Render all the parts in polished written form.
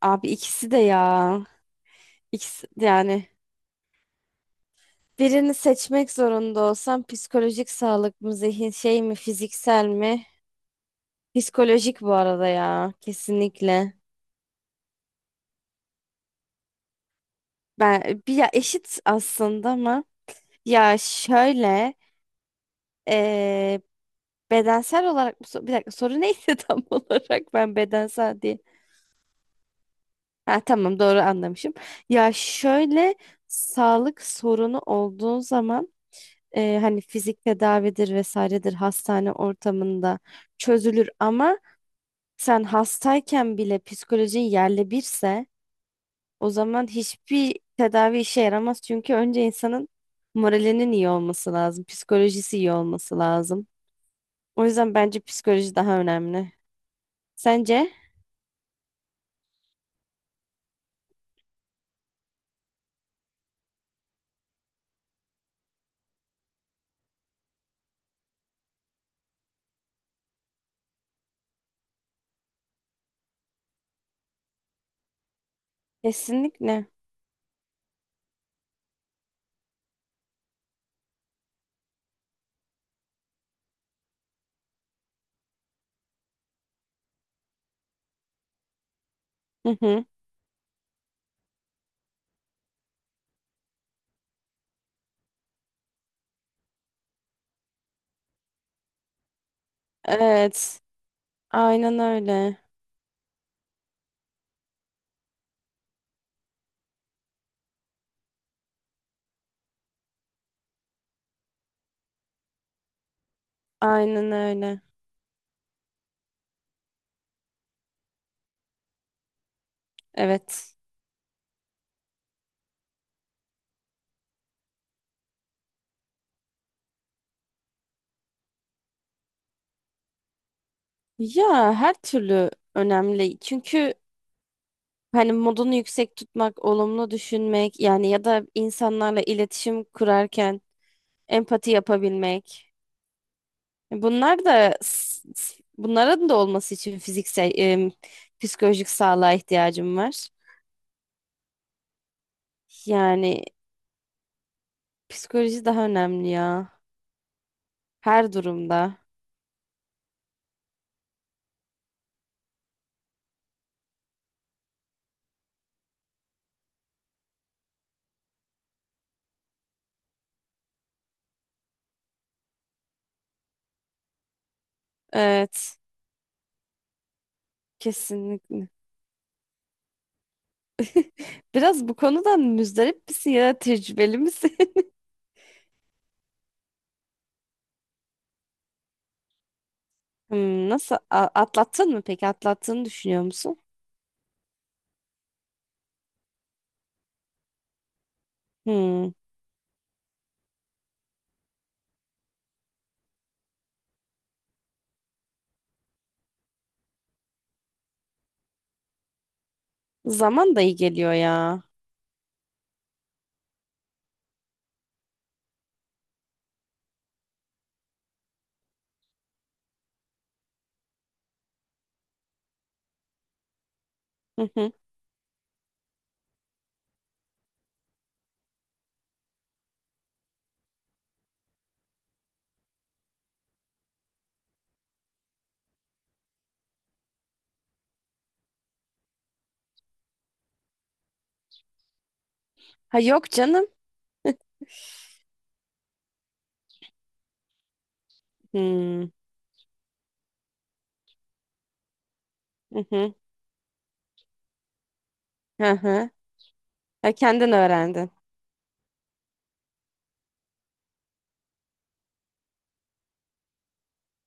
Abi ikisi de ya. İkisi yani birini seçmek zorunda olsam psikolojik sağlık mı, zihin şey mi, fiziksel mi? Psikolojik bu arada ya kesinlikle. Ben bir ya eşit aslında ama ya şöyle eee, bedensel olarak mı bir dakika soru neydi tam olarak ben bedensel diye. Ha tamam doğru anlamışım. Ya şöyle sağlık sorunu olduğun zaman hani fizik tedavidir vesairedir hastane ortamında çözülür ama sen hastayken bile psikolojin yerle birse o zaman hiçbir tedavi işe yaramaz çünkü önce insanın moralinin iyi olması lazım, psikolojisi iyi olması lazım. O yüzden bence psikoloji daha önemli. Sence? Kesinlikle. Hı hı. Evet. Aynen öyle. Aynen öyle. Evet. Ya her türlü önemli. Çünkü hani modunu yüksek tutmak, olumlu düşünmek yani ya da insanlarla iletişim kurarken empati yapabilmek. Bunlar da bunların da olması için fiziksel psikolojik sağlığa ihtiyacım var. Yani psikoloji daha önemli ya her durumda. Evet, kesinlikle. Biraz bu konudan müzdarip misin ya da tecrübeli misin? Hmm, nasıl atlattın mı peki? Atlattığını düşünüyor musun? Hmm, zaman da iyi geliyor ya. Ha yok canım. Hmm. Hı hı. Hı hı. Ha, kendin öğrendin.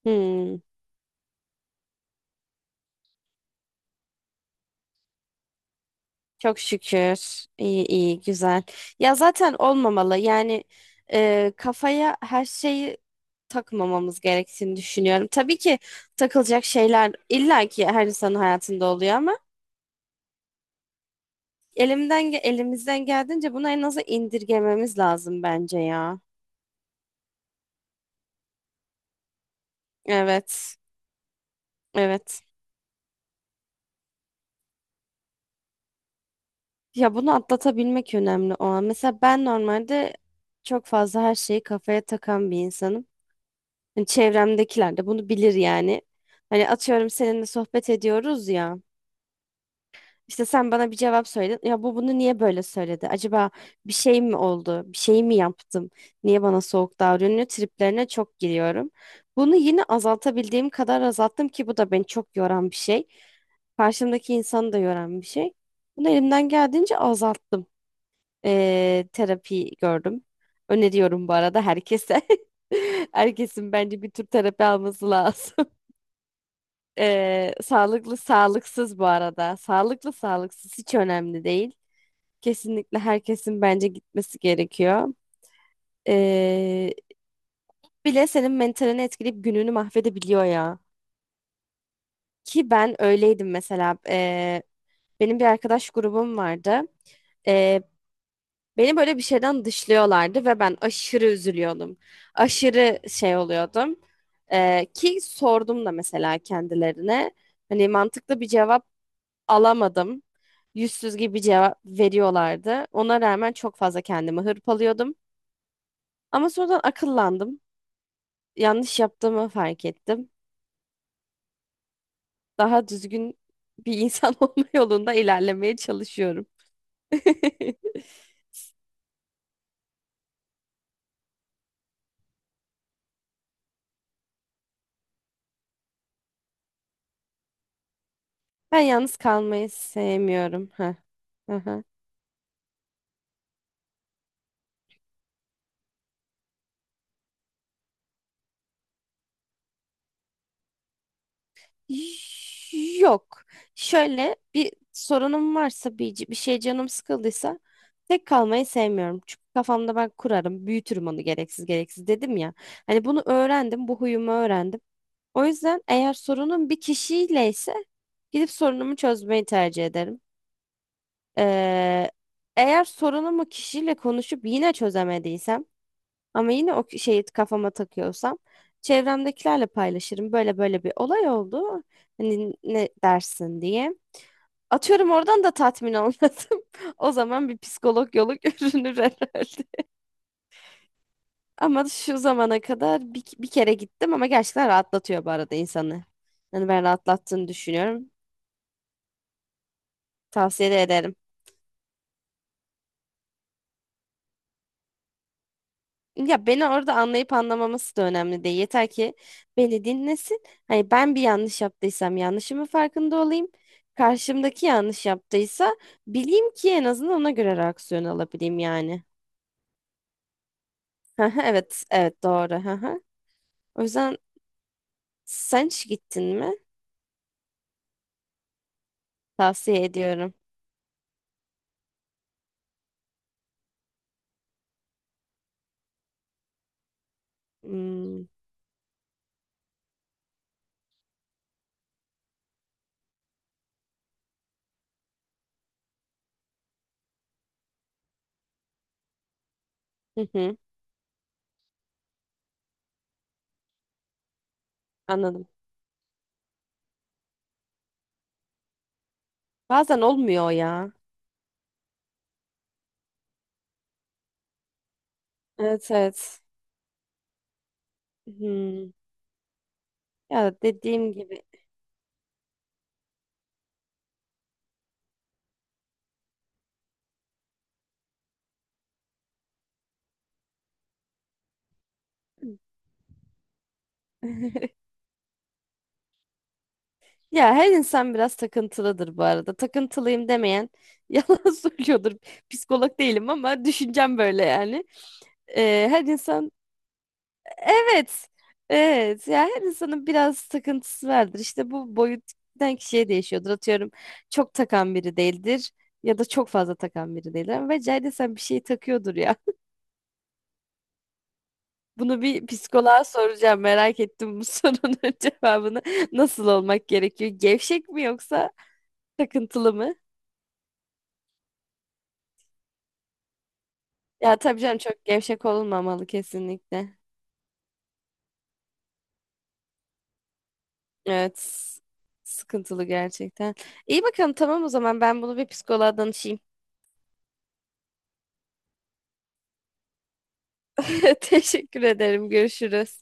Hmm. Çok şükür. İyi iyi güzel. Ya zaten olmamalı. Yani kafaya her şeyi takmamamız gerektiğini düşünüyorum. Tabii ki takılacak şeyler illaki her insanın hayatında oluyor ama elimizden geldiğince bunu en aza indirgememiz lazım bence ya. Evet. Evet. Ya bunu atlatabilmek önemli o an. Mesela ben normalde çok fazla her şeyi kafaya takan bir insanım. Hani çevremdekiler de bunu bilir yani. Hani atıyorum seninle sohbet ediyoruz ya. İşte sen bana bir cevap söyledin. Ya bu bunu niye böyle söyledi? Acaba bir şey mi oldu? Bir şey mi yaptım? Niye bana soğuk davranıyor? Triplerine çok giriyorum. Bunu yine azaltabildiğim kadar azalttım ki bu da beni çok yoran bir şey. Karşımdaki insanı da yoran bir şey. Bunu elimden geldiğince azalttım. Terapi gördüm. Öneriyorum bu arada herkese. Herkesin bence bir tür terapi alması lazım. Sağlıklı sağlıksız bu arada. Sağlıklı sağlıksız hiç önemli değil. Kesinlikle herkesin bence gitmesi gerekiyor. Ee, Bile senin mentalini etkileyip gününü mahvedebiliyor ya. Ki ben öyleydim mesela. Benim bir arkadaş grubum vardı. E, Beni böyle bir şeyden dışlıyorlardı ve ben aşırı üzülüyordum. Aşırı şey oluyordum. Ki sordum da mesela kendilerine. Hani mantıklı bir cevap alamadım. Yüzsüz gibi cevap veriyorlardı. Ona rağmen çok fazla kendimi hırpalıyordum. Ama sonradan akıllandım. Yanlış yaptığımı fark ettim. Daha düzgün bir insan olma yolunda ilerlemeye çalışıyorum. Ben yalnız kalmayı sevmiyorum. Ha. Yok. Şöyle bir sorunum varsa bir şey canım sıkıldıysa tek kalmayı sevmiyorum. Çünkü kafamda ben kurarım, büyütürüm onu gereksiz gereksiz dedim ya. Hani bunu öğrendim, bu huyumu öğrendim. O yüzden eğer sorunum bir kişiyle ise gidip sorunumu çözmeyi tercih ederim. Ee, Eğer sorunumu kişiyle konuşup yine çözemediysem ama yine o şeyi kafama takıyorsam çevremdekilerle paylaşırım. Böyle böyle bir olay oldu. Hani ne dersin diye. Atıyorum oradan da tatmin olmadım. O zaman bir psikolog yolu görünür herhalde. Ama şu zamana kadar bir kere gittim ama gerçekten rahatlatıyor bu arada insanı. Hani ben rahatlattığını düşünüyorum. Tavsiye de ederim. Ya beni orada anlayıp anlamaması da önemli değil. Yeter ki beni dinlesin. Hani ben bir yanlış yaptıysam yanlışımın farkında olayım. Karşımdaki yanlış yaptıysa bileyim ki en azından ona göre reaksiyon alabileyim yani. Hah, evet, evet doğru. Hah. O yüzden sen hiç gittin mi? Tavsiye ediyorum. Hmm, hı hı, anladım. Bazen olmuyor ya. Evet, evet. Hmm, ya dediğim gibi. Ya her insan biraz takıntılıdır bu arada. Takıntılıyım demeyen yalan söylüyordur. Psikolog değilim ama düşüncem böyle yani. Her insan evet. Evet. Ya her insanın biraz takıntısı vardır. İşte bu boyuttan kişiye değişiyordur. Atıyorum çok takan biri değildir ya da çok fazla takan biri değildir. Ama bence sen bir şey takıyordur ya. Bunu bir psikoloğa soracağım. Merak ettim bu sorunun cevabını. Nasıl olmak gerekiyor? Gevşek mi yoksa takıntılı mı? Ya tabii canım çok gevşek olunmamalı kesinlikle. Evet. s- Sıkıntılı gerçekten. İyi bakalım tamam o zaman ben bunu bir psikoloğa danışayım. Teşekkür ederim. Görüşürüz.